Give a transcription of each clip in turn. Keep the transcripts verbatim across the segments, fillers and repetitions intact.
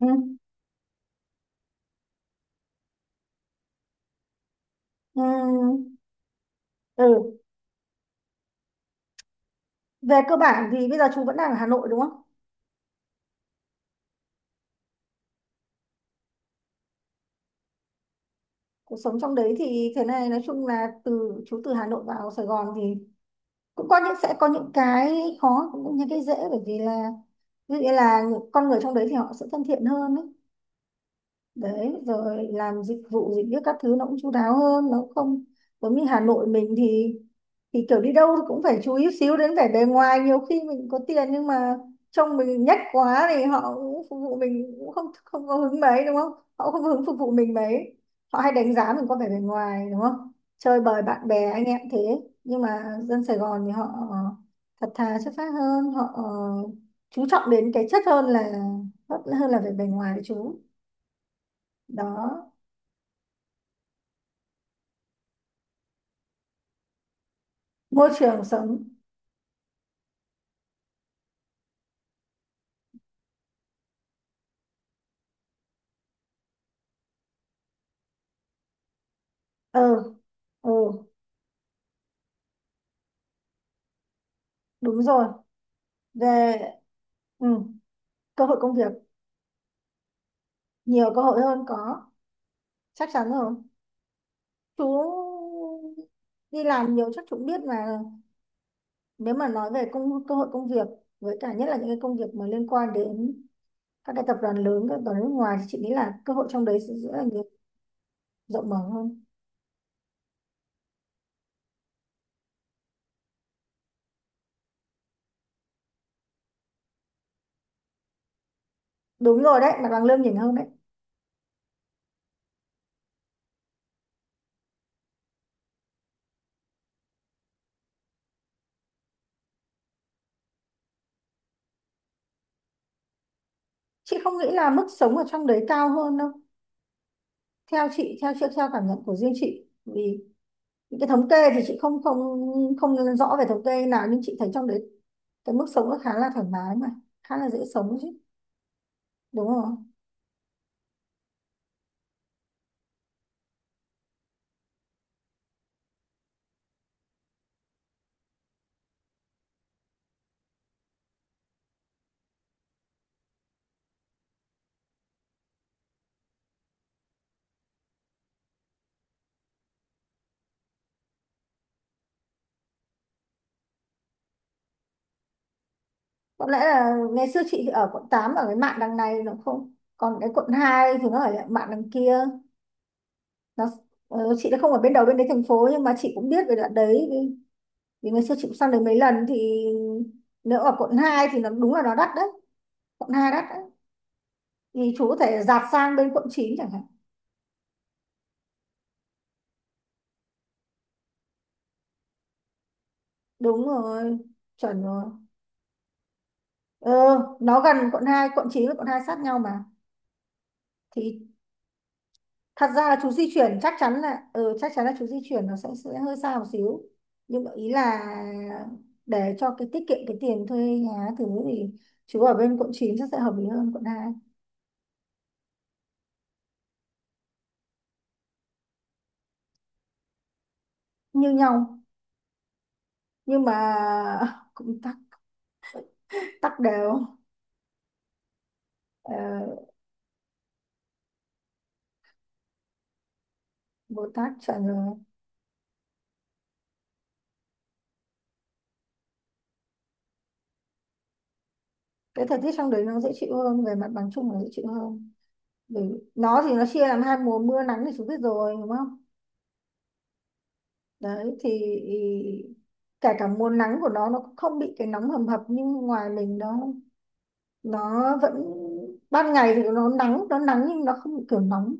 Ừ. Ừ. Ừ. Về cơ bản thì bây giờ chú vẫn đang ở Hà Nội đúng không? Cuộc sống trong đấy thì thế này, nói chung là từ chú từ Hà Nội vào Sài Gòn thì cũng có những sẽ có những cái khó cũng như cái dễ, bởi vì là ví dụ như là những con người trong đấy thì họ sẽ thân thiện hơn ấy. Đấy, rồi làm dịch vụ gì hết các thứ nó cũng chu đáo hơn, nó không giống như Hà Nội mình. Thì thì kiểu đi đâu cũng phải chú ý xíu đến vẻ bề ngoài, nhiều khi mình có tiền nhưng mà trông mình nhách quá thì họ cũng phục vụ mình cũng không không có hứng mấy đúng không, họ không có hứng phục vụ mình mấy, họ hay đánh giá mình có vẻ bề ngoài đúng không, chơi bời bạn bè anh em thế. Nhưng mà dân Sài Gòn thì họ ờ, thật thà chất phác hơn, họ ờ, chú trọng đến cái chất hơn là hơn là vẻ bề ngoài đấy chú. Đó, môi trường sống. Ừ. Ừ. Đúng rồi, về ừ, cơ hội công việc nhiều cơ hội hơn, có chắc chắn rồi. Chú đi làm nhiều chắc chú cũng biết là nếu mà nói về công cơ hội công việc, với cả nhất là những cái công việc mà liên quan đến các cái tập đoàn lớn, các tập đoàn nước ngoài thì chị nghĩ là cơ hội trong đấy sẽ rất là nhiều, rộng mở hơn. Đúng rồi đấy, mặt bằng lương nhìn hơn đấy. Chị không nghĩ là mức sống ở trong đấy cao hơn đâu, theo chị, theo theo, theo cảm nhận của riêng chị. Vì những cái thống kê thì chị không không không rõ về thống kê nào, nhưng chị thấy trong đấy cái mức sống nó khá là thoải mái mà, khá là dễ sống chứ đúng không. Có lẽ là ngày xưa chị thì ở quận tám, ở cái mạn đằng này, nó không còn, cái quận hai thì nó ở lại mạn đằng kia. nó ờ, chị đã không ở bên đầu bên đấy thành phố nhưng mà chị cũng biết về đoạn đấy, vì, vì ngày xưa chị cũng sang đấy mấy lần. Thì nếu ở quận hai thì nó đúng là nó đắt đấy, quận hai đắt đấy. Thì chú có thể dạt sang bên quận chín chẳng hạn. Đúng rồi, chuẩn rồi. Ừ, nó gần, quận hai quận chín và quận hai sát nhau mà. Thì thật ra là chú di chuyển chắc chắn là, ừ, chắc chắn là chú di chuyển nó sẽ sẽ hơi xa một xíu. Nhưng mà ý là để cho cái tiết kiệm cái tiền thuê nhà thứ thì chú ở bên quận chín chắc sẽ hợp lý hơn quận hai. Như nhau, nhưng mà cũng tắc, tắc đều. Ờ, Bồ Tát chuẩn rồi. Cái thời tiết trong đấy nó dễ chịu hơn, về mặt bằng chung là dễ chịu hơn. Bởi nó thì nó chia làm hai mùa mưa nắng thì chú biết rồi, đúng không? Đấy thì ý- kể cả mùa nắng của nó nó cũng không bị cái nóng hầm hập như ngoài mình, nó nó vẫn ban ngày thì nó nắng nó nắng nhưng nó không kiểu nóng,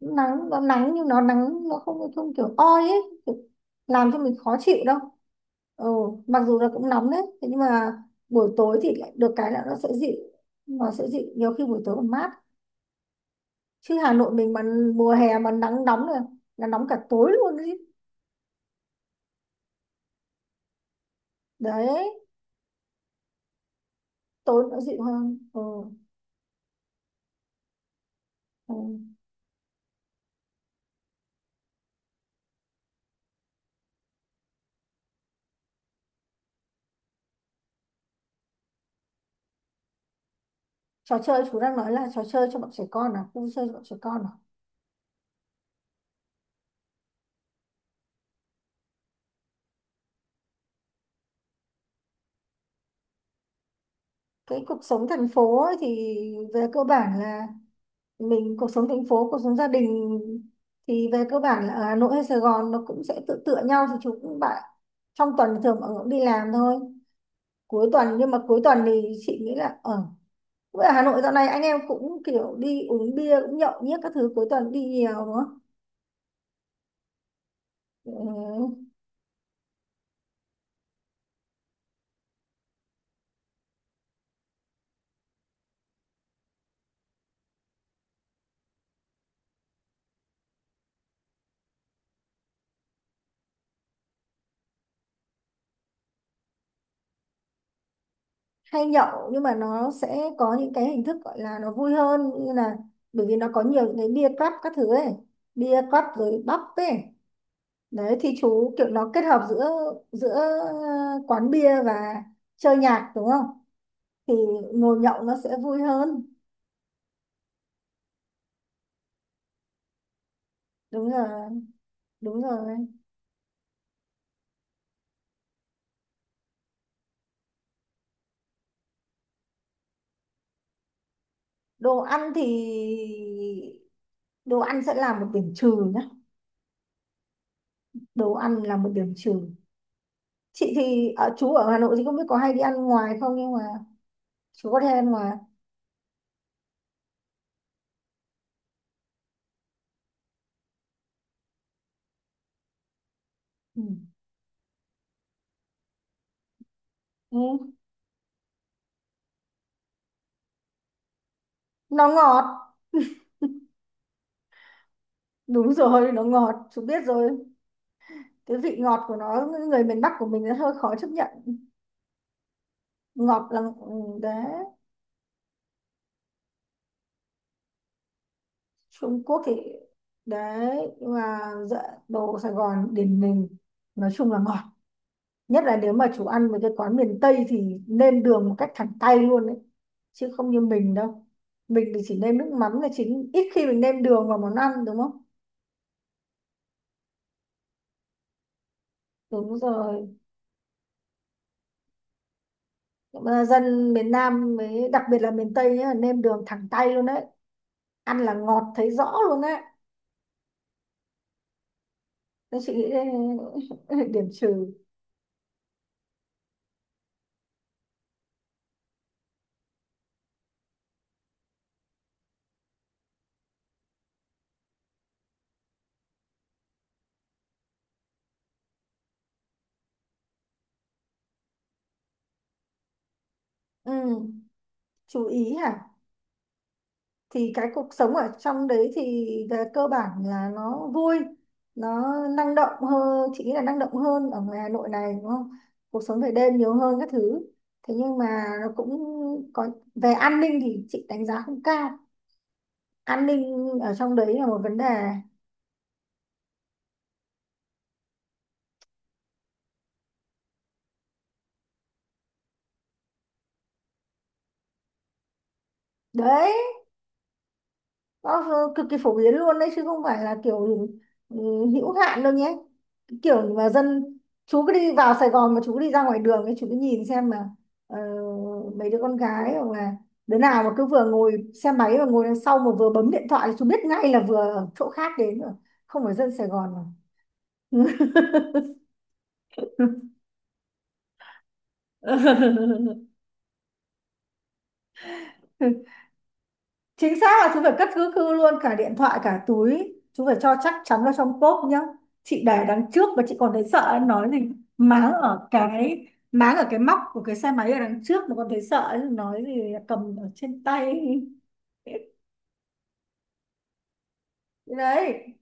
nắng nó nắng nhưng nó nắng nó không không kiểu oi ấy, kiểu làm cho mình khó chịu đâu. Ừ, mặc dù là cũng nóng đấy, thế nhưng mà buổi tối thì lại được cái là nó sẽ dịu nó sẽ dịu, nhiều khi buổi tối còn mát. Chứ Hà Nội mình mà mùa hè mà nắng nóng là là nóng cả tối luôn đấy. Đấy, tối nó dịu hơn. Ừ. Ừ. Trò chơi chú đang nói là trò chơi cho bọn trẻ con à, vui chơi cho bọn trẻ con à? Cái cuộc sống thành phố ấy thì về cơ bản là mình cuộc sống thành phố, cuộc sống gia đình thì về cơ bản là ở Hà Nội hay Sài Gòn nó cũng sẽ tự tựa nhau. Thì chú cũng bạn, trong tuần thì thường mọi người cũng đi làm thôi. Cuối tuần nhưng mà cuối tuần thì chị nghĩ là ở ở Hà Nội dạo này anh em cũng kiểu đi uống bia, cũng nhậu nhét các thứ cuối tuần đi nhiều đúng không? Ừ. Hay nhậu, nhưng mà nó sẽ có những cái hình thức gọi là nó vui hơn, như là, bởi vì nó có nhiều những cái bia club các thứ ấy, bia club rồi pub ấy. Đấy thì chú kiểu nó kết hợp giữa giữa quán bia và chơi nhạc đúng không, thì ngồi nhậu nó sẽ vui hơn. Đúng rồi. Đúng rồi. Đồ ăn thì, đồ ăn sẽ là một điểm trừ nhá, đồ ăn là một điểm trừ. Chị thì ở chú ở Hà Nội thì không biết có hay đi ăn ngoài không, nhưng mà chú có thể ăn ngoài. Ừ. Ừ. Nó ngọt. Đúng rồi, nó ngọt chú biết rồi, cái vị ngọt của nó người miền Bắc của mình nó hơi khó chấp nhận. Ngọt là ừ, đấy. Trung Quốc thì đấy, nhưng mà dạ, đồ Sài Gòn điển mình nói chung là ngọt, nhất là nếu mà chú ăn với cái quán miền Tây thì nêm đường một cách thẳng tay luôn đấy, chứ không như mình đâu. Mình thì chỉ nêm nước mắm là chính, ít khi mình nêm đường vào món ăn đúng không. Đúng rồi. Nhưng mà dân miền Nam với đặc biệt là miền Tây nhá, nêm đường thẳng tay luôn đấy, ăn là ngọt thấy rõ luôn á. Nên chị nghĩ đây điểm trừ. Ừ. Chú ý hả? Thì cái cuộc sống ở trong đấy thì về cơ bản là nó vui, nó năng động hơn, chị nghĩ là năng động hơn ở ngoài Hà Nội này đúng không, cuộc sống về đêm nhiều hơn các thứ. Thế nhưng mà nó cũng có, về an ninh thì chị đánh giá không cao, an ninh ở trong đấy là một vấn đề. Đấy, nó cực kỳ phổ biến luôn đấy chứ không phải là kiểu ừ, hữu hạn đâu nhé. Cái kiểu mà dân, chú cứ đi vào Sài Gòn mà chú cứ đi ra ngoài đường ấy, chú cứ nhìn xem mà ờ, mấy đứa con gái hoặc là đứa nào mà cứ vừa ngồi xe máy và ngồi đằng sau mà vừa bấm điện thoại là chú biết ngay là vừa ở chỗ khác đến rồi, không phải dân Sài Gòn mà. Chính xác là chú phải cất cứ khư luôn cả điện thoại cả túi, chú phải cho chắc chắn vào trong cốp nhá. Chị để đằng trước và chị còn thấy sợ, nói gì máng ở cái máng ở cái móc của cái xe máy ở đằng trước mà còn thấy sợ, nói gì cầm ở trên tay. Đấy,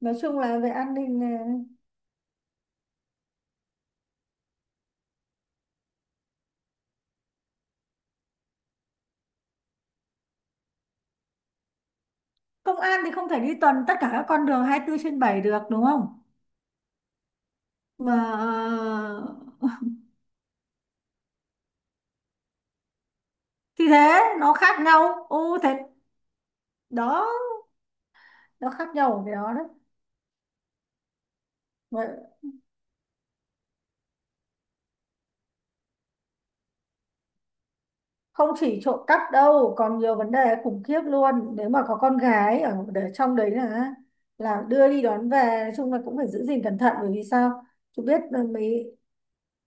nói chung là về an ninh này. Công an thì không thể đi tuần tất cả các con đường hai mươi bốn trên bảy được đúng không, mà ờ, thì thế nó khác nhau. Ô thế, đó, nó khác nhau ở cái đó đấy. Vậy không chỉ trộm cắp đâu, còn nhiều vấn đề khủng khiếp luôn. Nếu mà có con gái ở để trong đấy là là đưa đi đón về, nói chung là cũng phải giữ gìn cẩn thận. Bởi vì sao, chú biết là mấy,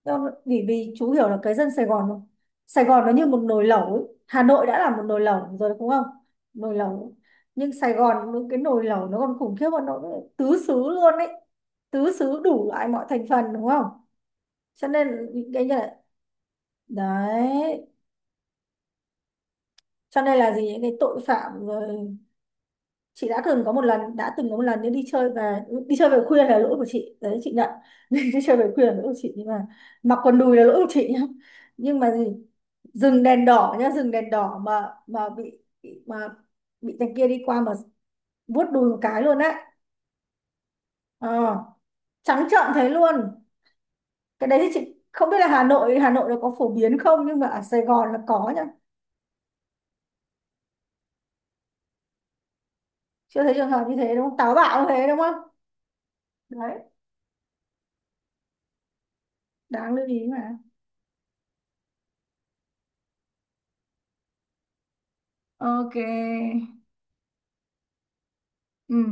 do- vì vì chú hiểu là cái dân Sài Gòn không? Sài Gòn nó như một nồi lẩu ấy, Hà Nội đã là một nồi lẩu rồi đúng không, nồi lẩu, nhưng Sài Gòn những cái nồi lẩu nó còn khủng khiếp hơn, nó tứ xứ luôn ấy, tứ xứ đủ loại mọi thành phần đúng không. Cho nên những cái đấy, cho nên là gì, những cái tội phạm rồi. Chị đã từng có một lần đã từng có một lần nếu đi chơi về, đi chơi về khuya là lỗi của chị, đấy chị nhận, đi chơi về khuya là lỗi của chị nhưng mà mặc quần đùi là lỗi của chị nhá, nhưng mà gì, dừng đèn đỏ nhá dừng đèn đỏ mà mà bị bị- mà bị thằng kia đi qua mà vuốt đùi một cái luôn đấy. ờ, Trắng trợn thế luôn. Cái đấy thì chị không biết là Hà Nội Hà Nội nó có phổ biến không, nhưng mà ở Sài Gòn là có nhá. Chưa thấy trường hợp như thế đúng không, táo bạo như thế đúng không. Đấy, đáng lưu ý mà. OK. Ừ,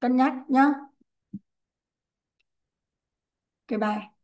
cân nhắc nhá. OK bye.